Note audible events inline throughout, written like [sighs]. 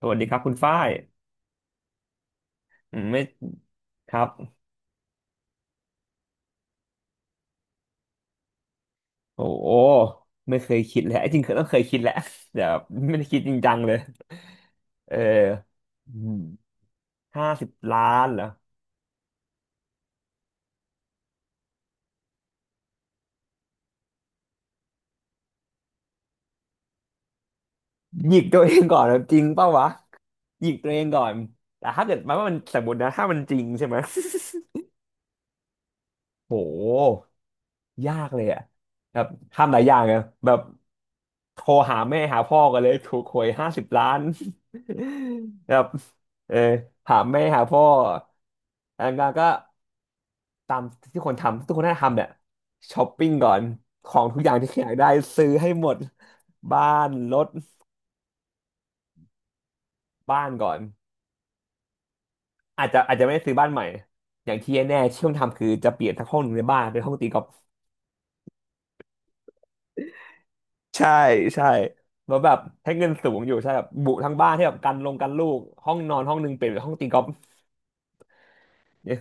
สวัสดีครับคุณฝ้ายอืมไม่ครับโอ้โหไม่เคยคิดเลยจริงๆเคยคิดแหละแต่แบบไม่ได้คิดจริงจังเลยเออห้าสิบล้านเหรอหยิกตัวเองก่อนนะจริงเปล่าวะหยิกตัวเองก่อนแต่ถ้าเกิดมันว่ามันสมมตินะถ้ามันจริงใช่ไหม [laughs] โห ยากเลยอ่ะแบบทำหลายอย่างอ่ะแบบโทรหาแม่หาพ่อกันเลยถูกหวยห้าสิบล้าน [laughs] แบบเออหาแม่หาพ่ออันนั้นก็ตามที่คนทำทุกคนน่าจะทำเนี่ยช้อปปิ้งก่อนของทุกอย่างที่อยากได้ซื้อให้หมดบ้านรถบ้านก่อนอาจจะไม่ได้ซื้อบ้านใหม่อย่างที่แน่ๆที่ต้องทำคือจะเปลี่ยนทั้งห้องหนึ่งในบ้านเป็นห้องตีกอล์ฟ ใช่ใช่แล้วแบบให้เงินสูงอยู่ใช่แบบบุทั้งบ้านที่แบบกันลงกันลูกห้องนอนห้องหนึงเปลี่ยนเป็นห้องตีกอล์ฟเนี่ย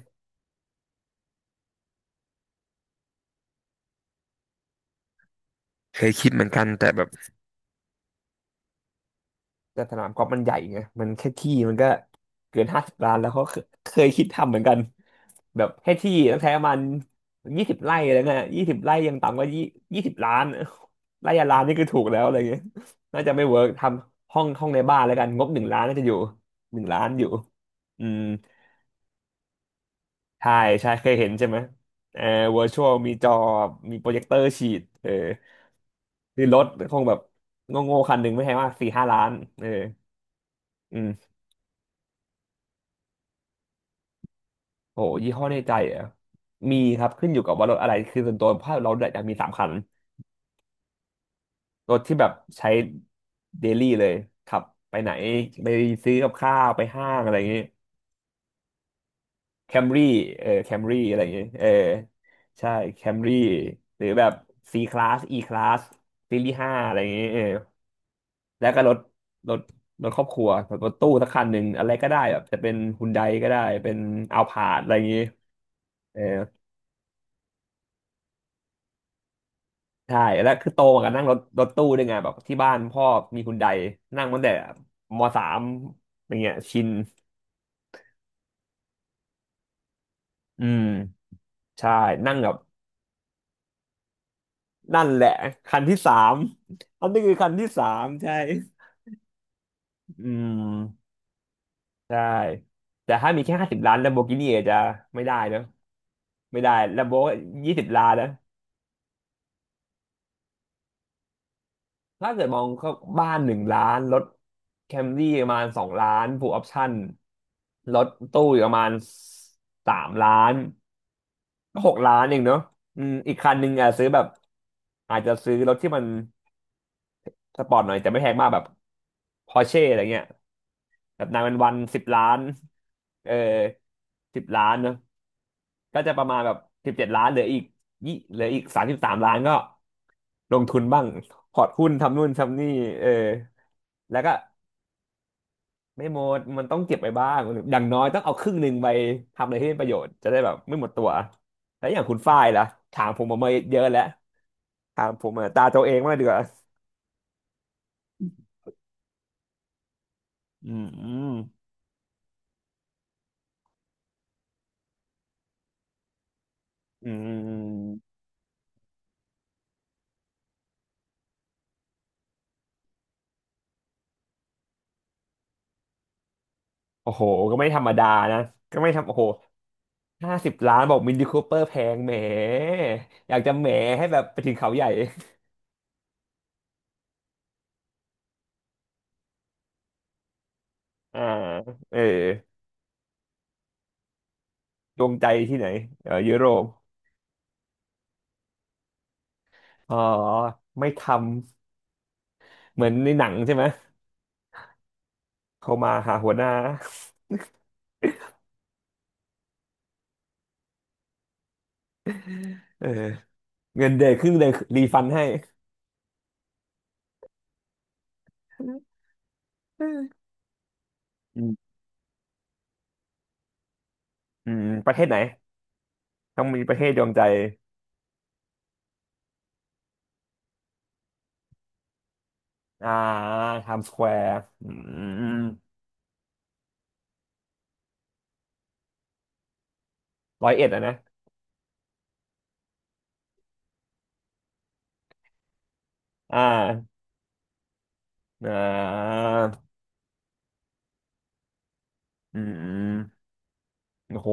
เคยคิดเหมือนกันแต่แบบแต่สนามกอล์ฟมันใหญ่ไงมันแค่ที่มันก็เกินห้าสิบล้านแล้วเขาเคเคยคิดทำเหมือนกันแบบให้ที่ต้องใช้ประมาณยี่สิบไร่อะไรเงี้ยยี่สิบไร่ยังต่ำกว่ายี่ยี่สิบล้านไร่ละล้านนี่คือถูกแล้วอะไรเงี้ยน่าจะไม่เวิร์กทำห้องในบ้านแล้วกันงบหนึ่งล้านน่าจะอยู่หนึ่งล้านอยู่อืม ใช่ ใช่เคยเห็นใช่ไหมเออวอร์ชวลมีจอ มีโปรเจคเตอร์ฉีดเออคือรถคงแบบโง่ๆคันหนึ่งไม่แพงมาก4 5 ล้านเอออืมโหยี่ห้อในใจเหรอ่ะ มีครับขึ้นอยู่กับว่ารถอะไรคือส่วนตัวภาเราอยากมีสามคันรถที่แบบใช้เดลี่เลยขับไปไหนไปซื้อกับข้าวไปห้างอะไรอย่างงี้ แคมรี่เออแคมรี่อะไรอย่างเงี้ยเออใช่แคมรี่หรือแบบ C Class E Class ซีรีส์ห้าอะไรอย่างเงี้ยเออแล้วก็รถรถครอบครัวแบบรถตู้สักคันหนึ่งอะไรก็ได้แบบจะเป็นฮุนไดก็ได้เป็นอัลพาร์ดอะไรอย่างเงี้ยเออใช่แล้วคือโตมากับนั่งรถรถตู้ด้วยไงแบบที่บ้านพ่อมีฮุนไดนั่งตั้งแต่มสามอย่างเงี้ยชินอืมใช่นั่งแบบนั่นแหละคันที่สามอันนี้คือคันที่สามใช่อืม ใช่แต่ถ้ามีแค่ห้าสิบล้านลัมโบกินี่จะไม่ได้นะไม่ได้ลัมโบยี่สิบล้านนะถ้าเกิดมองก็บ้านหนึ่งล้านรถแคมรี่ประมาณ2 ล้านฟูลออปชั่นรถตู้อีกประมาณสามล้านก็6 ล้านเองเนาะอืมอีกคันหนึ่งอ่ะซื้อแบบอาจจะซื้อรถที่มันสปอร์ตหน่อยแต่ไม่แพงมากแบบพอร์เช่อะไรเงี้ยแบบนายวันวันสิบล้านเออสิบล้านเนาะ ก็จะประมาณแบบ17 ล้านเหลืออีกยี่เหลืออีก33 ล้านก็ลงทุนบ้างพอร์ตหุ้นทำนู่นทำนี่เออแล้วก็ไม่หมดมันต้องเก็บไปบ้างอย่างน้อยต้องเอาครึ่งหนึ่งไปทำอะไรที่เป็นประโยชน์จะได้แบบไม่หมดตัวแล้วอย่างคุณฝ้ายล่ะถามผมมาเยอะแล้วถามผมมาตาตัวเองมางดีกว่าอืมอืมอืมโอ้โหก็ไม่ธรรมดานะก็ไม่ทำโอ้โหห้าสิบล้านบอกมินิคูเปอร์แพงแหมอยากจะแหมให้แบบไปถึงเขาใหญ่ อ่าเออดวงใจที่ไหนเออยุโรปอ๋อไม่ทำเหมือนในหนังใช่ไหมเขามาหาหัวหน้าเออเงินเดือนครึ่งเดือนรีฟันให้ [laughs] อืมอืมประเทศไหนต้องมีประเทศดวงใจอ่าไทม์สแควร์อืมร้อยเอ็ดอ่ะนะอ่าอ่าอืมโอ้โห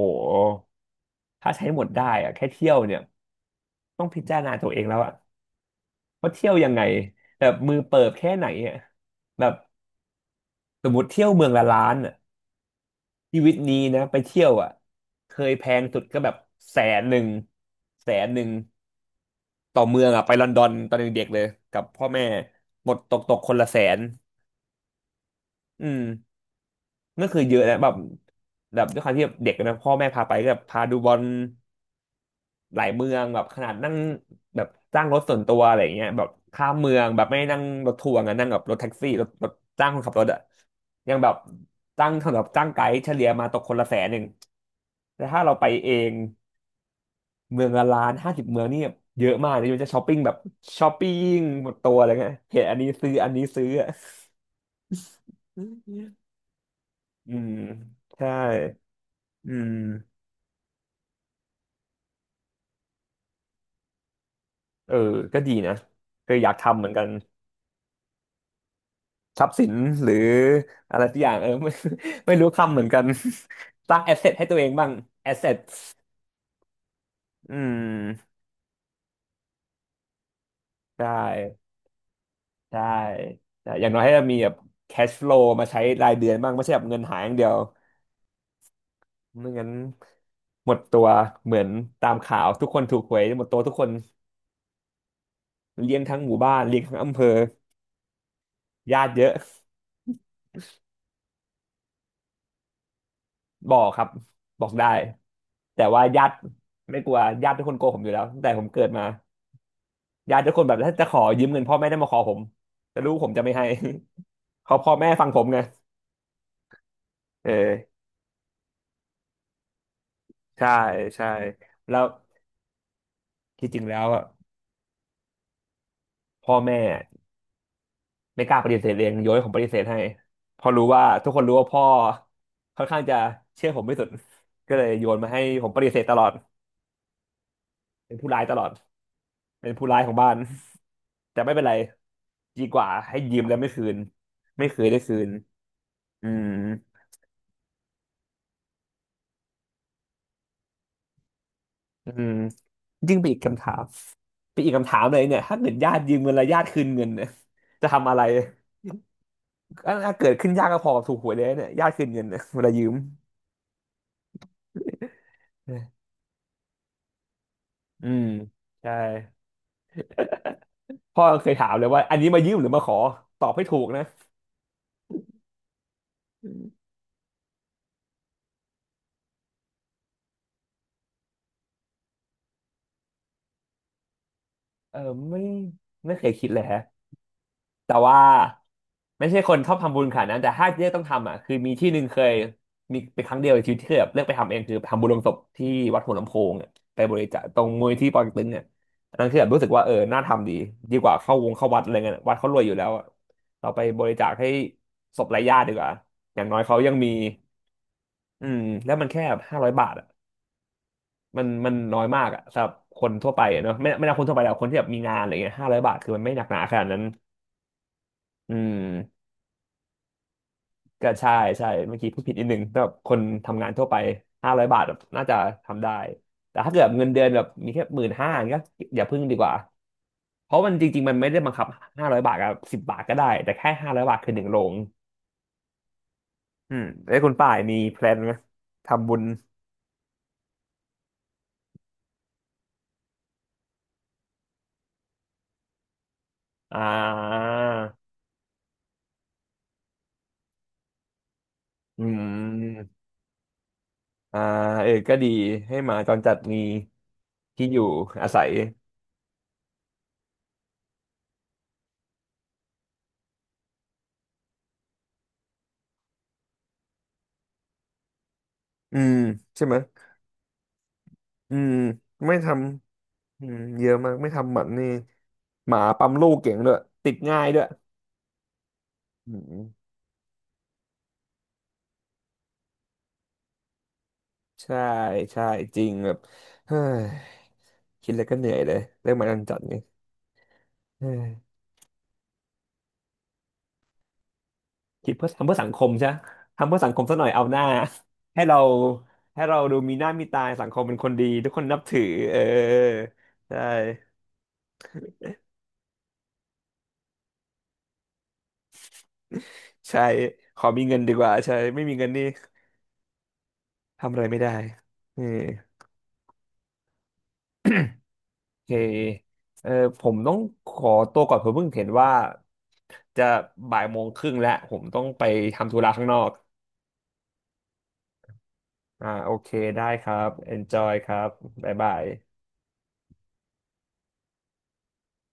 ถ้าใช้หมดได้อะแค่เที่ยวเนี่ยต้องพิจารณาตัวเองแล้วอะว่าเที่ยวยังไงแบบมือเปิบแค่ไหนอะแบบ สมมติเที่ยวเมืองละล้านอ่ะชีวิตนี้นะไปเที่ยวอ่ะเคยแพงสุดก็แบบแสนหนึ่งแสนหนึ่งต่อเมืองอ่ะไปลอนดอนตอนเด็กๆเลยกับพ่อแม่หมดตกตกคนละแสนอืมนั่นคือเยอะนะแบบแบบด้วยความที่แบบเด็กนะพ่อแม่พาไปก็แบบพาดูบอล หลายเมืองแบบขนาดนั่งแบบจ้างรถส่วนตัวอะไรอย่างเงี้ยแบบข้ามเมืองแบบไม่นั่งรถทัวร์ไงนั่งแบบรถแท็กซี่รถจ้างคนขับรถอะยังแบบจ้างสำหรับจ้างไกด์เฉลี่ยมาตกคนละ100,000แต่ถ้าเราไปเองเมืองละ1,000,00050 เมืองนี่เยอะมากเลยมันจะช้อปปิ้งหมดตัวอะไรเงี้ยเห็นอันนี้ซื้ออันนี้ซื้ออะ [laughs] อืมใช่อืมเออก็ดีนะก็อยากทำเหมือนกัน ทรัพย์สินหรืออะไรสักอย่างเออไม่ [laughs] ไม่รู้คำเหมือนกันสร้างแอสเซทให้ตัวเองบ้างแอสเซทอืมใช่ใช่ใช่อย่างน้อยให้เรามีแบบแคชฟลูมาใช้รายเดือนบ้างไม่ใช่แบบเงินหายอย่างเดียวไม่งั้นหมดตัวเหมือนตามข่าวทุกคนถูกหวยหมดตัวทุกคนเลี้ยงทั้งหมู่บ้านเลี้ยงทั้งอำเภอญาติเยอะบอกครับบอกได้แต่ว่าญาติไม่กลัวญาติทุกคนโกหกผมอยู่แล้วตั้งแต่ผมเกิดมา ญาติทุกคนแบบถ้าจะขอยืมเงินพ่อแม่ได้มาขอผมแต่ลูกผมจะไม่ให้ [laughs] เขาพ่อแม่ฟังผมไงเออใช่ใช่แล้วที่จริงแล้วอะพ่อแม่ไม่กล้าปฏิเสธเองโยนให้ผมปฏิเสธให้เพอรู้ว่าทุกคนรู้ว่าพ่อค่อนข้างจะเชื่อผมไม่สุดก็เลยโยนมาให้ผมปฏิเสธตลอดเป็นผู้ร้ายตลอดเป็นผู้ร้ายของบ้าน [laughs] แต่ไม่เป็นไรดีกว่าให้ยืมแล้วไม่คืนไม่เคยได้คืนอืมอืมยิ่งไปอีกคำถาม เป็นอีกคำถามเลยเนี่ยถ้าเกิดญาติยืมเงินแล้วญาติคืนเงินเนี่ยจะทำอะไร ถ้าเกิดขึ้นยากก็พอกับถูกหวยเลยเนี่ยญาติคืนเงินเนี่ยเวลายืมอืมใช่พ่อเคยถามเลยว่า อันนี้มายืมหรือมาขอ ตอบให้ถูกนะ เออ ไม่ไม่เคยคิดเลยฮะ แต่ว่าไม่ใช่คนชอบทำบุญขนาดนั้นแต่ถ้าเลือกต้องทำอ่ะคือมีที่หนึ่งเคยมีเป็นครั้งเดียวในชีวิตที่เคยแบบเลือกไปทำเองคือทำบุญลงศพที่วัดหัวลำโพงเนี่ยไปบริจาคตรงมูลที่ปอเต็กตึงเนี่ยอันนั้นคือแบบรู้สึกว่าเออน่าทำดีดีกว่าเข้าวงเข้าวัดอะไรเงี้ยวัดเขารวยอยู่แล้วอะเราไปบริจาคให้ศพไร้ญาติดีกว่าอย่างน้อยเขายังมีอืมแล้วมันแค่ห้าร้อยบาทอ่ะมันน้อยมากอ่ะสำหรับคนทั่วไปอะเนอะไม่นับคนทั่วไปแล้วคนที่แบบมีงานอะไรเงี้ยห้าร้อยบาทคือมันไม่หนักหนาขนาดนั้นอืม ก็ใช่ใช่เมื่อกี้พูดผิดนิดนึงแต่แบบคนทำงานทั่วไปห้าร้อยบาทแบบน่าจะทำได้แต่ถ้าเกิดเงินเดือนแบบมีแค่15,000ก็อย่าพึ่งดีกว่าเพราะมันจริงๆมันไม่ได้บังคับ500 บาทกับ 10 บาทก็ได้แต่แค่ห้าร้อยบาทคือหนึ่งโรงอืมแล้วคุณป่ายมีแพลนไหมทำบุญอ่าอืมอ่าเออก็ดีให้หมาจรจัดมีที่อยู่อาศัยอืมใช่ไหมยอืมไม่ทำ อืมเยอะมากไม่ทำหมันนี่หมาปั๊มลูกเก่งด้วยติดง่ายด้วยอืมใช่ใช่จริงแบบ [sighs] เฮ้ยคิดแล้วก็เหนื่อยเลยเรื่องหมาจรจัดนี่เฮ้ย [sighs] คิดเพื่อทำเพื่อสังคมใช่ทำเพื่อสังคมซะหน่อยเอาหน้า [laughs] ให้เราให้เราดูมีหน้ามีตาสังคมเป็นคนดีทุกคนนับถือเออใช่ใช่ขอมีเงินดีกว่าใช่ไม่มีเงินนี่ทำอะไรไม่ได้เออ เคเออผมต้องขอตัวก่อนผมเพิ่งเห็นว่าจะ13:30 น.แล้วผมต้องไปทำธุระข้างนอกอ่าโอเค ได้ครับ enjoy ครับ บ๊ายบาย